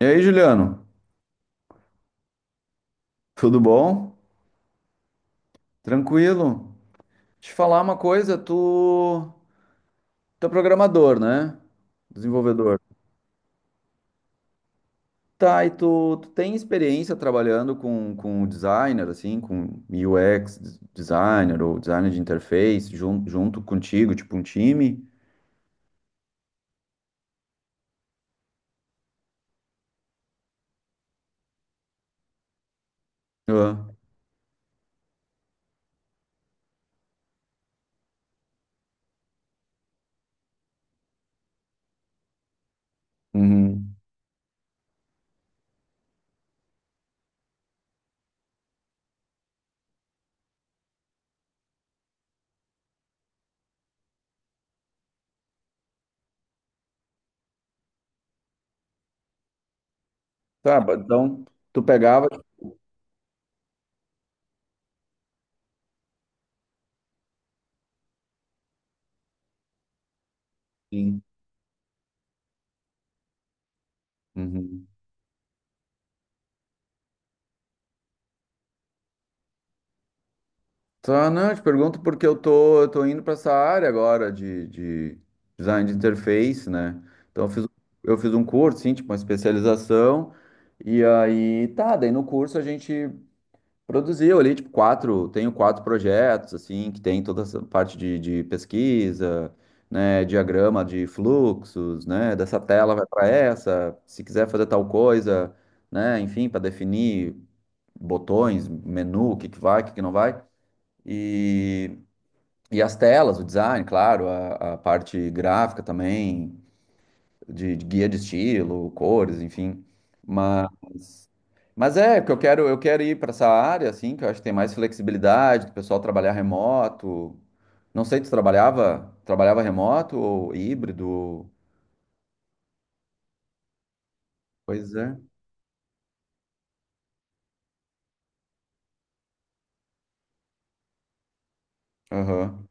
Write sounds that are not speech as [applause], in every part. E aí, Juliano? Tudo bom? Tranquilo? Te falar uma coisa, tu é programador, né? Desenvolvedor. Tá, e tu tem experiência trabalhando com o designer, assim, com UX designer ou designer de interface, junto contigo, tipo um time? Ah. Uhum. Tá, então tu pegava, tipo. Sim. Uhum. Tá, não, eu te pergunto porque eu tô indo para essa área agora de design de interface, né? Então eu fiz um curso, sim, tipo uma especialização, e aí tá, daí no curso a gente produziu ali, tipo, tenho quatro projetos, assim, que tem toda essa parte de pesquisa, né, diagrama de fluxos, né, dessa tela vai para essa, se quiser fazer tal coisa, né, enfim, para definir botões, menu, o que que vai, o que que não vai. E e as telas, o design, claro, a parte gráfica também, de guia de estilo, cores, enfim. Mas, mas é, que eu quero ir para essa área, assim, que eu acho que tem mais flexibilidade, do pessoal trabalhar remoto. Não sei, tu trabalhava remoto ou híbrido? Pois é. Aham.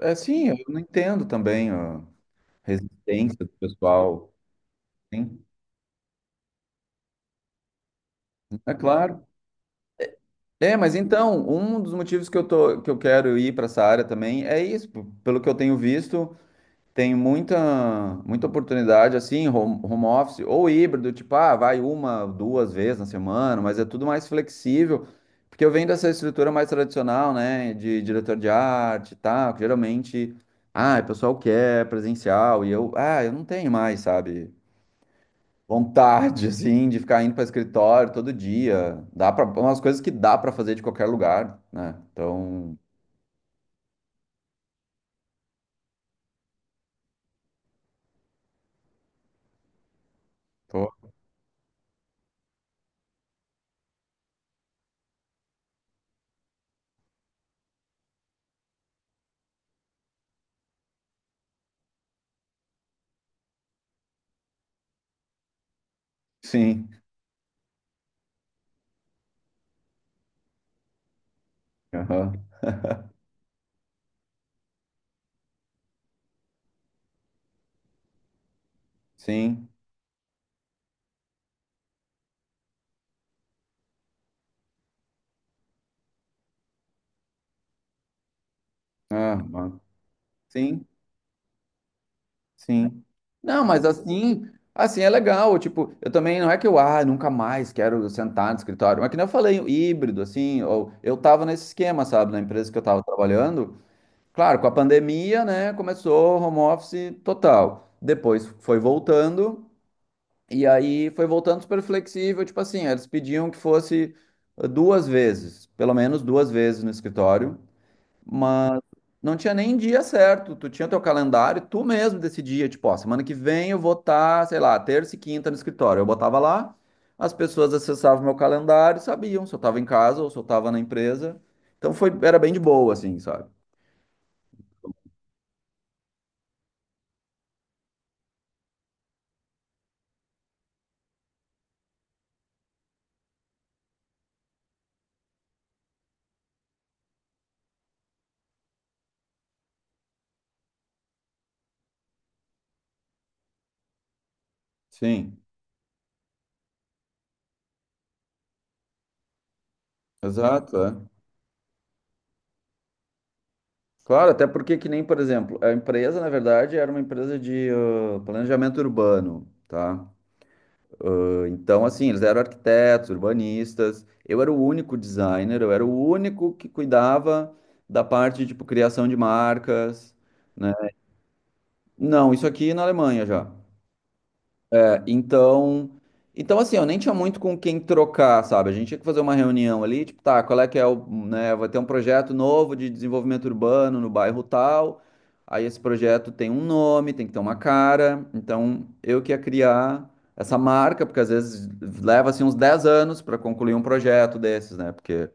É, sim, eu não entendo também a resistência do pessoal. Sim, é claro. É, mas então, um dos motivos que eu quero ir para essa área também é isso. Pelo que eu tenho visto, tem muita, muita oportunidade assim, home office ou híbrido, tipo, vai uma, duas vezes na semana, mas é tudo mais flexível, porque eu venho dessa estrutura mais tradicional, né, de diretor de arte e tal, que geralmente, o pessoal quer presencial e eu não tenho mais, sabe? Vontade, assim, de ficar indo para escritório todo dia. Dá para umas coisas que dá para fazer de qualquer lugar, né? Então, tô- sim. Aham. [laughs] Sim. Ah, sim, sim. Não, mas assim é legal, tipo, eu também não é que eu nunca mais quero sentar no escritório, mas que nem eu falei, o híbrido assim, ou eu tava nesse esquema, sabe, na empresa que eu tava trabalhando. Claro, com a pandemia, né, começou home office total. Depois foi voltando. E aí foi voltando super flexível, tipo assim, eles pediam que fosse duas vezes, pelo menos duas vezes no escritório, mas não tinha nem dia certo, tu tinha teu calendário, tu mesmo decidia, tipo, ó, semana que vem eu vou estar, sei lá, terça e quinta no escritório. Eu botava lá, as pessoas acessavam meu calendário, e sabiam se eu tava em casa ou se eu tava na empresa. Então era bem de boa, assim, sabe? Sim, exato, é. Claro, até porque que nem, por exemplo, a empresa, na verdade, era uma empresa de planejamento urbano, tá? Ah, então, assim, eles eram arquitetos, urbanistas. Eu era o único designer, eu era o único que cuidava da parte, tipo, criação de marcas, né? Não, isso aqui é na Alemanha já. É, então assim, eu nem tinha muito com quem trocar, sabe? A gente tinha que fazer uma reunião ali, tipo, tá, qual é que é o, né, vai ter um projeto novo de desenvolvimento urbano no bairro tal. Aí esse projeto tem um nome, tem que ter uma cara. Então, eu que ia criar essa marca, porque às vezes leva assim uns 10 anos para concluir um projeto desses, né? Porque,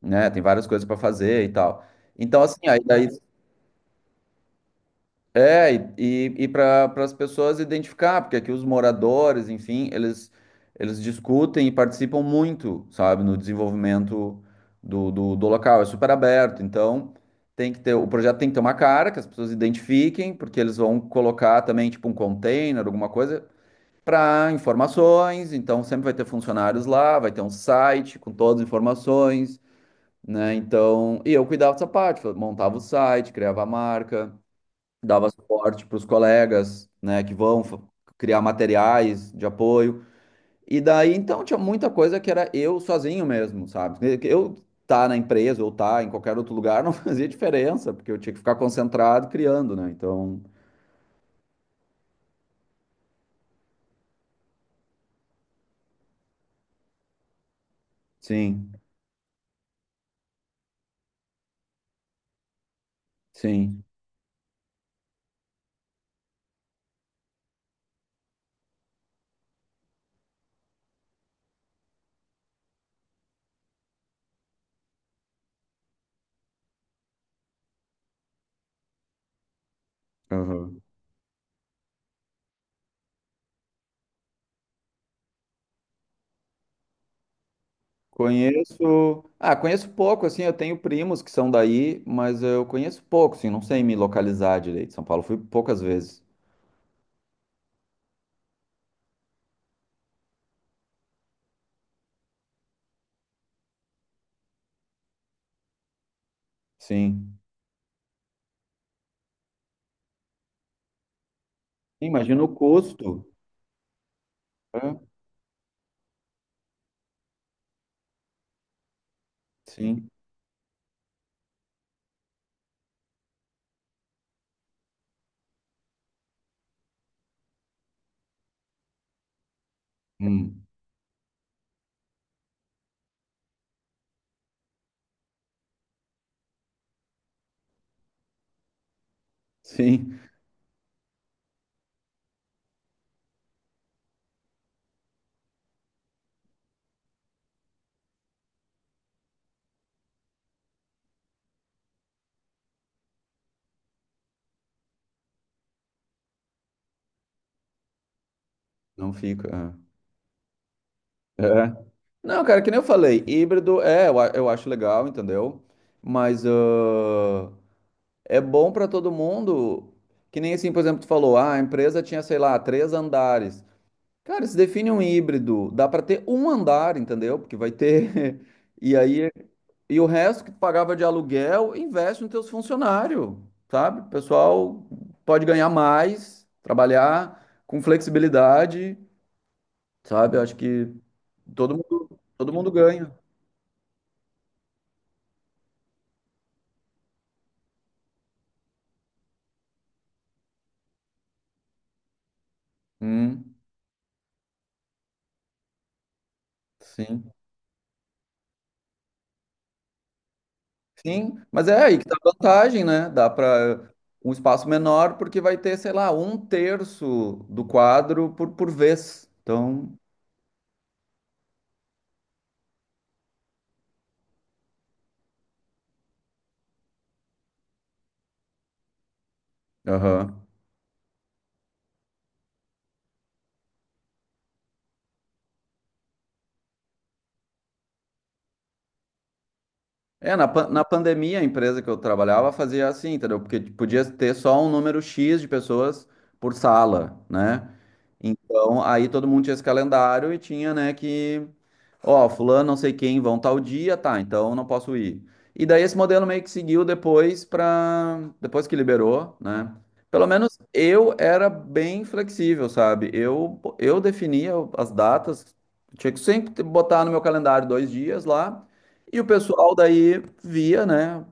né, tem várias coisas para fazer e tal. Então, assim, aí daí. É, e, para as pessoas identificar, porque aqui os moradores, enfim, eles discutem e participam muito, sabe, no desenvolvimento do local. É super aberto, então tem que ter, o projeto tem que ter uma cara que as pessoas identifiquem, porque eles vão colocar também, tipo, um container, alguma coisa, para informações. Então sempre vai ter funcionários lá, vai ter um site com todas as informações, né? Então, e eu cuidava dessa parte, montava o site, criava a marca, dava suporte para os colegas, né, que vão criar materiais de apoio. E daí, então, tinha muita coisa que era eu sozinho mesmo, sabe? Que eu tá na empresa ou tá em qualquer outro lugar não [laughs] fazia diferença, porque eu tinha que ficar concentrado criando, né? Então, sim, sim. Aham. Conheço, ah, conheço pouco, assim, eu tenho primos que são daí, mas eu conheço pouco, assim, não sei me localizar direito. São Paulo fui poucas vezes. Sim. Imagina o custo, né? Sim. Hum. Sim, não fica. É. É. Não, cara, que nem eu falei, híbrido é, eu acho legal, entendeu? Mas é bom pra todo mundo. Que nem assim, por exemplo, tu falou, a empresa tinha, sei lá, três andares. Cara, se define um híbrido, dá pra ter um andar, entendeu? Porque vai ter. [laughs] E aí, e o resto que tu pagava de aluguel, investe nos teus funcionários, sabe? O pessoal pode ganhar mais, trabalhar com flexibilidade. Sabe? Eu acho que todo mundo ganha. Hum, sim. Sim, mas é aí que tá a vantagem, né? Dá para um espaço menor, porque vai ter, sei lá, um terço do quadro por vez. Então, aham. É, na pandemia, a empresa que eu trabalhava fazia assim, entendeu? Porque podia ter só um número X de pessoas por sala, né? Então, aí todo mundo tinha esse calendário e tinha, né, que: ó, fulano, não sei quem, vão tal dia, tá, então eu não posso ir. E daí esse modelo meio que seguiu depois para depois que liberou, né? Pelo menos eu era bem flexível, sabe? Eu definia as datas, tinha que sempre botar no meu calendário 2 dias lá, e o pessoal daí via, né?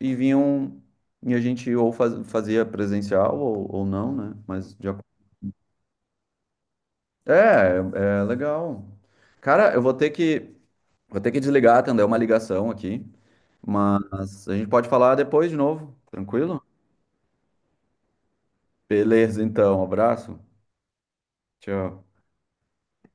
E vinham e a gente ou fazia presencial ou não, né? Mas de acordo. É, é legal. Cara, eu vou ter que Vou ter que desligar, atender uma ligação aqui, mas a gente pode falar depois de novo, tranquilo? Beleza, então, abraço. Tchau.